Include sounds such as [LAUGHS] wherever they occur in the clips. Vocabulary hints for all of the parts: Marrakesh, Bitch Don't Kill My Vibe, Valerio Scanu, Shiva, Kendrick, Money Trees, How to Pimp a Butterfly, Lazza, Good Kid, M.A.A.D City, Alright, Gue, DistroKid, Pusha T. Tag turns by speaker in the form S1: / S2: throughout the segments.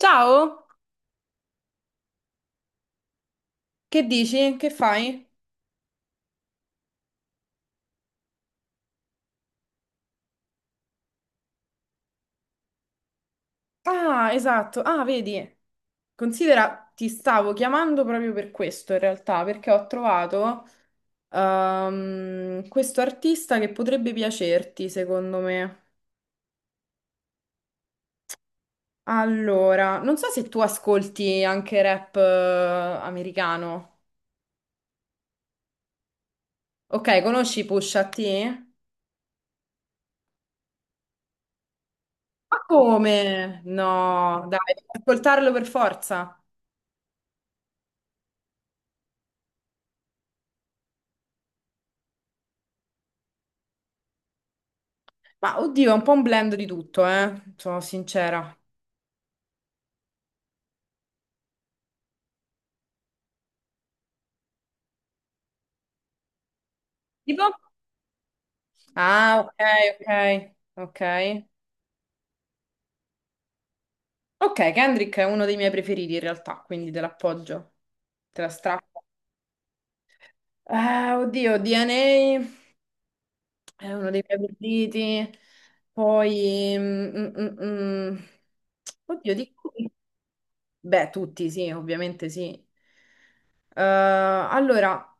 S1: Ciao, che dici? Che fai? Ah, esatto. Ah, vedi, considera, ti stavo chiamando proprio per questo in realtà, perché ho trovato questo artista che potrebbe piacerti, secondo me. Allora, non so se tu ascolti anche rap americano. Ok, conosci Pusha T? Ma come? No, dai, devi ascoltarlo per forza. Ma oddio, è un po' un blend di tutto, sono sincera. Tipo? Ah, ok, ok, ok. Ok, Kendrick è uno dei miei preferiti in realtà, quindi te l'appoggio, te la strappo. Ah, oddio, DNA è uno dei miei preferiti. Poi, mm, mm, mm, mm. Oddio, di cui? Beh, tutti sì, ovviamente sì. Eh, allora,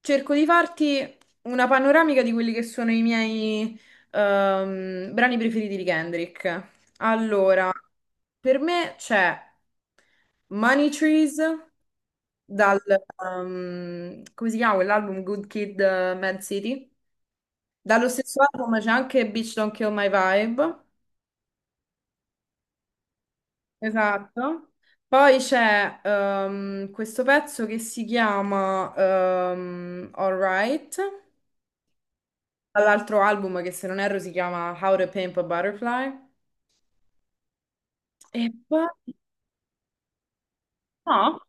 S1: Cerco di farti una panoramica di quelli che sono i miei brani preferiti di Kendrick. Allora, per me c'è Money Trees dal, come si chiama quell'album? Good Kid, Mad City. Dallo stesso album c'è anche Bitch Don't Kill My Vibe. Esatto. Poi c'è questo pezzo che si chiama Alright. Dall'altro album che se non erro si chiama How to Pimp a Butterfly. E poi... No.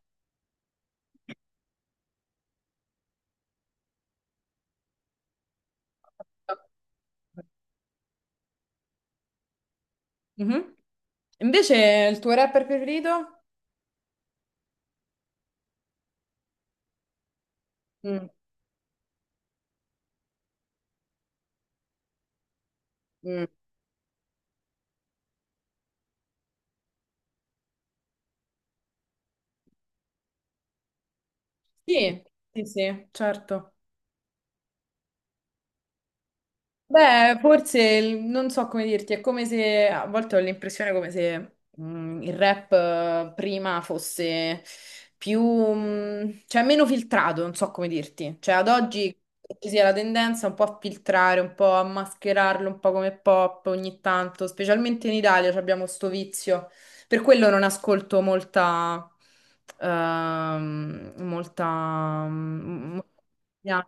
S1: Mhm. Invece il tuo rapper preferito? Mm. Mm. Sì, sì, sì, certo. Beh, forse non so come dirti, è come se a volte ho l'impressione come se il rap prima fosse più, cioè meno filtrato, non so come dirti. Cioè ad oggi ci sia la tendenza un po' a filtrare, un po' a mascherarlo un po' come pop ogni tanto, specialmente in Italia ci abbiamo sto vizio. Per quello non ascolto molta. Yeah.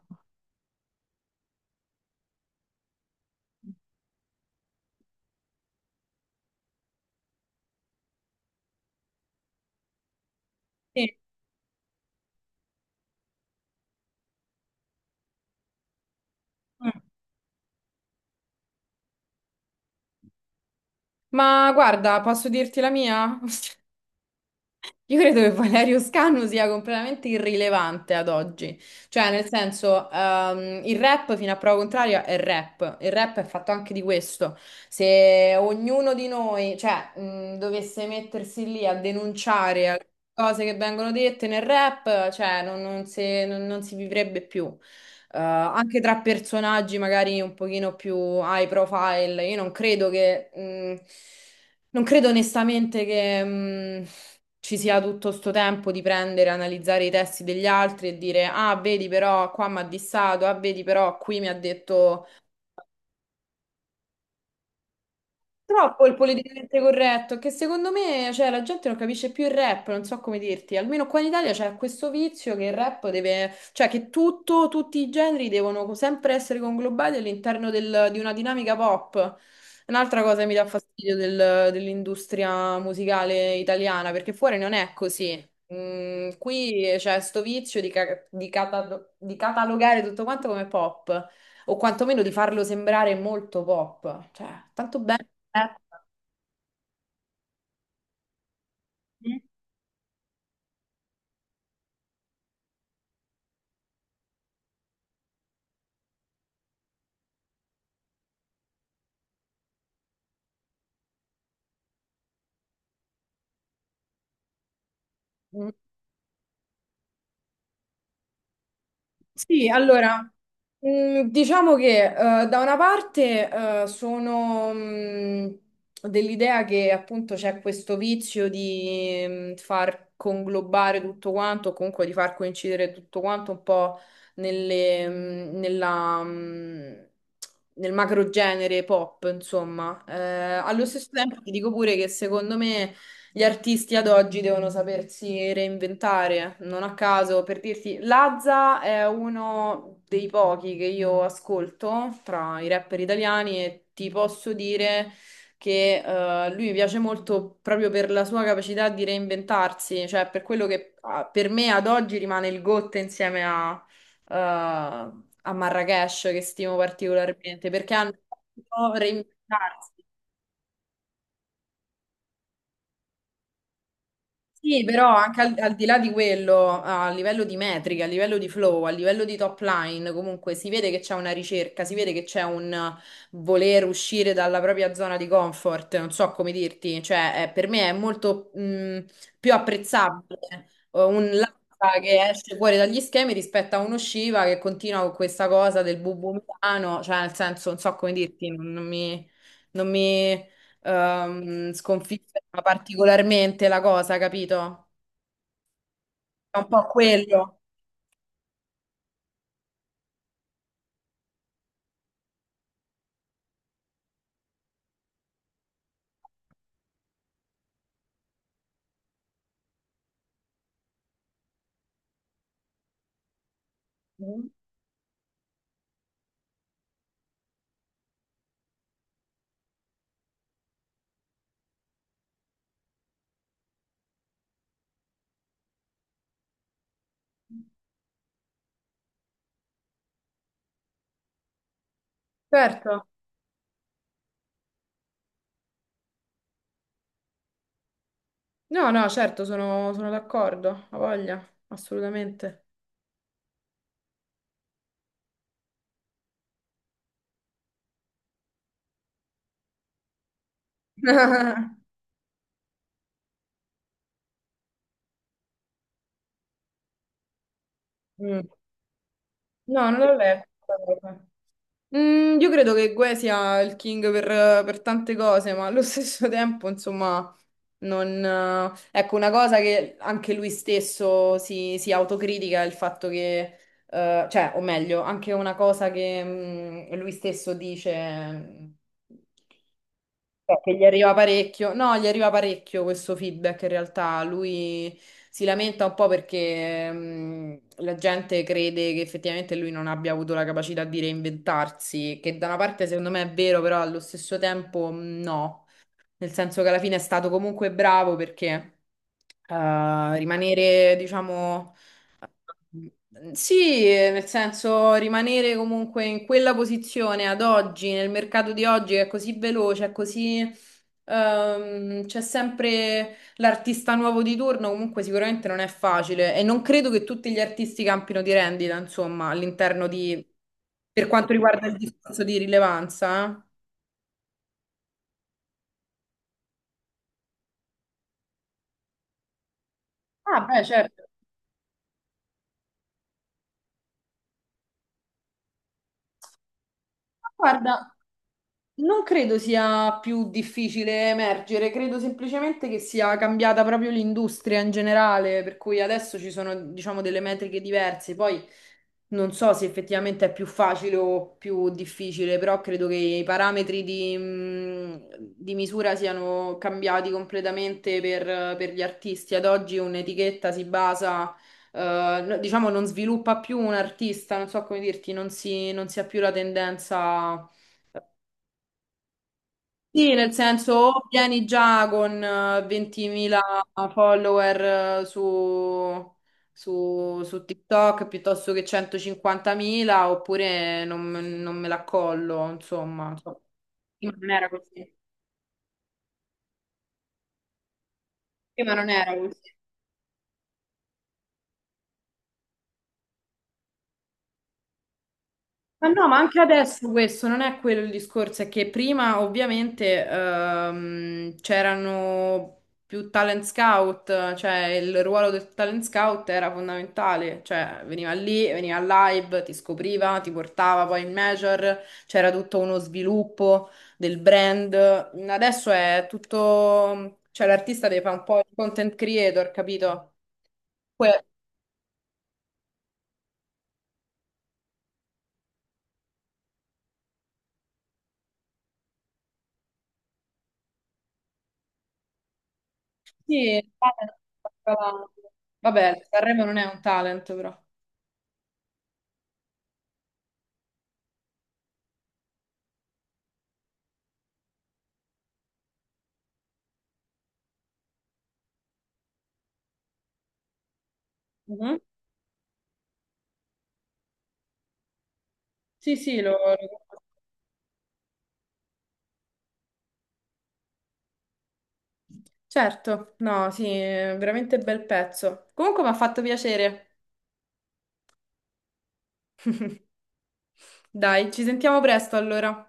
S1: Sì. Mm. Ma guarda, posso dirti la mia? [LAUGHS] Io credo che Valerio Scanu sia completamente irrilevante ad oggi, cioè nel senso il rap fino a prova contraria è rap, il rap è fatto anche di questo, se ognuno di noi cioè, dovesse mettersi lì a denunciare cose che vengono dette nel rap, cioè non si vivrebbe più. Anche tra personaggi magari un pochino più high profile, io non credo che, non credo onestamente che, ci sia tutto sto tempo di prendere, analizzare i testi degli altri e dire, ah, vedi però qua mi ha dissato, ah, vedi però qui mi ha detto. Troppo il politicamente corretto, che secondo me, cioè, la gente non capisce più il rap, non so come dirti. Almeno qua in Italia c'è questo vizio che il rap deve, cioè che tutto, tutti i generi devono sempre essere conglobati all'interno di una dinamica pop. Un'altra cosa che mi dà fastidio dell'industria musicale italiana, perché fuori non è così. Qui c'è sto vizio di, di catalogare tutto quanto come pop, o quantomeno di farlo sembrare molto pop. Cioè, tanto bello. Eh. Mm. Sì, allora, diciamo che da una parte sono dell'idea che appunto c'è questo vizio di far conglobare tutto quanto, o comunque di far coincidere tutto quanto un po' nelle, mm, nella, mm, nel macro genere pop, insomma. Allo stesso tempo ti dico pure che secondo me gli artisti ad oggi devono sapersi reinventare, non a caso, per dirti, Lazza è uno dei pochi che io ascolto tra i rapper italiani e ti posso dire che lui mi piace molto proprio per la sua capacità di reinventarsi, cioè per quello che per me ad oggi rimane il GOT insieme a Marrakesh, che stimo particolarmente, perché hanno saputo reinventarsi. Sì, però anche al di là di quello, a livello di metriche, a livello di flow, a livello di top line, comunque si vede che c'è una ricerca, si vede che c'è un voler uscire dalla propria zona di comfort, non so come dirti, cioè per me è molto più apprezzabile un Lazza che esce fuori dagli schemi rispetto a uno Shiva che continua con questa cosa del bubu milano, cioè nel senso, non so come dirti, non mi... Non mi sconfiggerla particolarmente la cosa, capito? È un po' quello. Mm. Certo. No, no, certo, sono d'accordo, ho voglia, assolutamente. [LAUGHS] Mm. No, non l'ho letto questa cosa. Io credo che Gue sia il king per tante cose, ma allo stesso [LAUGHS] tempo, insomma, non... ecco, una cosa che anche lui stesso si autocritica è il fatto che, cioè, o meglio, anche una cosa che lui stesso dice... Che gli arriva parecchio, no, gli arriva parecchio questo feedback. In realtà lui si lamenta un po' perché, la gente crede che effettivamente lui non abbia avuto la capacità di reinventarsi, che da una parte secondo me è vero, però allo stesso tempo no, nel senso che alla fine è stato comunque bravo perché rimanere, diciamo, sì, nel senso rimanere comunque in quella posizione ad oggi, nel mercato di oggi che è così veloce, è c'è sempre l'artista nuovo di turno, comunque sicuramente non è facile e non credo che tutti gli artisti campino di rendita, insomma, all'interno di, per quanto riguarda il discorso di rilevanza. Ah, beh, certo. Ma guarda, non credo sia più difficile emergere, credo semplicemente che sia cambiata proprio l'industria in generale, per cui adesso ci sono, diciamo, delle metriche diverse. Poi non so se effettivamente è più facile o più difficile, però credo che i parametri di misura siano cambiati completamente per gli artisti. Ad oggi un'etichetta si basa, diciamo, non sviluppa più un artista, non so come dirti, non si ha più la tendenza. Sì, nel senso, o vieni già con 20.000 follower su, su TikTok piuttosto che 150.000, oppure non me la collo, insomma. Prima non era così. Prima non era così. Ma no, ma anche adesso questo non è quello il discorso, è che prima ovviamente c'erano più talent scout, cioè il ruolo del talent scout era fondamentale, cioè veniva lì, veniva al live, ti scopriva, ti portava poi in major, c'era tutto uno sviluppo del brand. Adesso è tutto, cioè l'artista deve fare un po' il content creator, capito? Que- sì, vabbè, Sanremo non è un talent però. Mhm. Sì, sì. Certo, no, sì, è veramente bel pezzo. Comunque mi ha fatto piacere. Dai, ci sentiamo presto allora.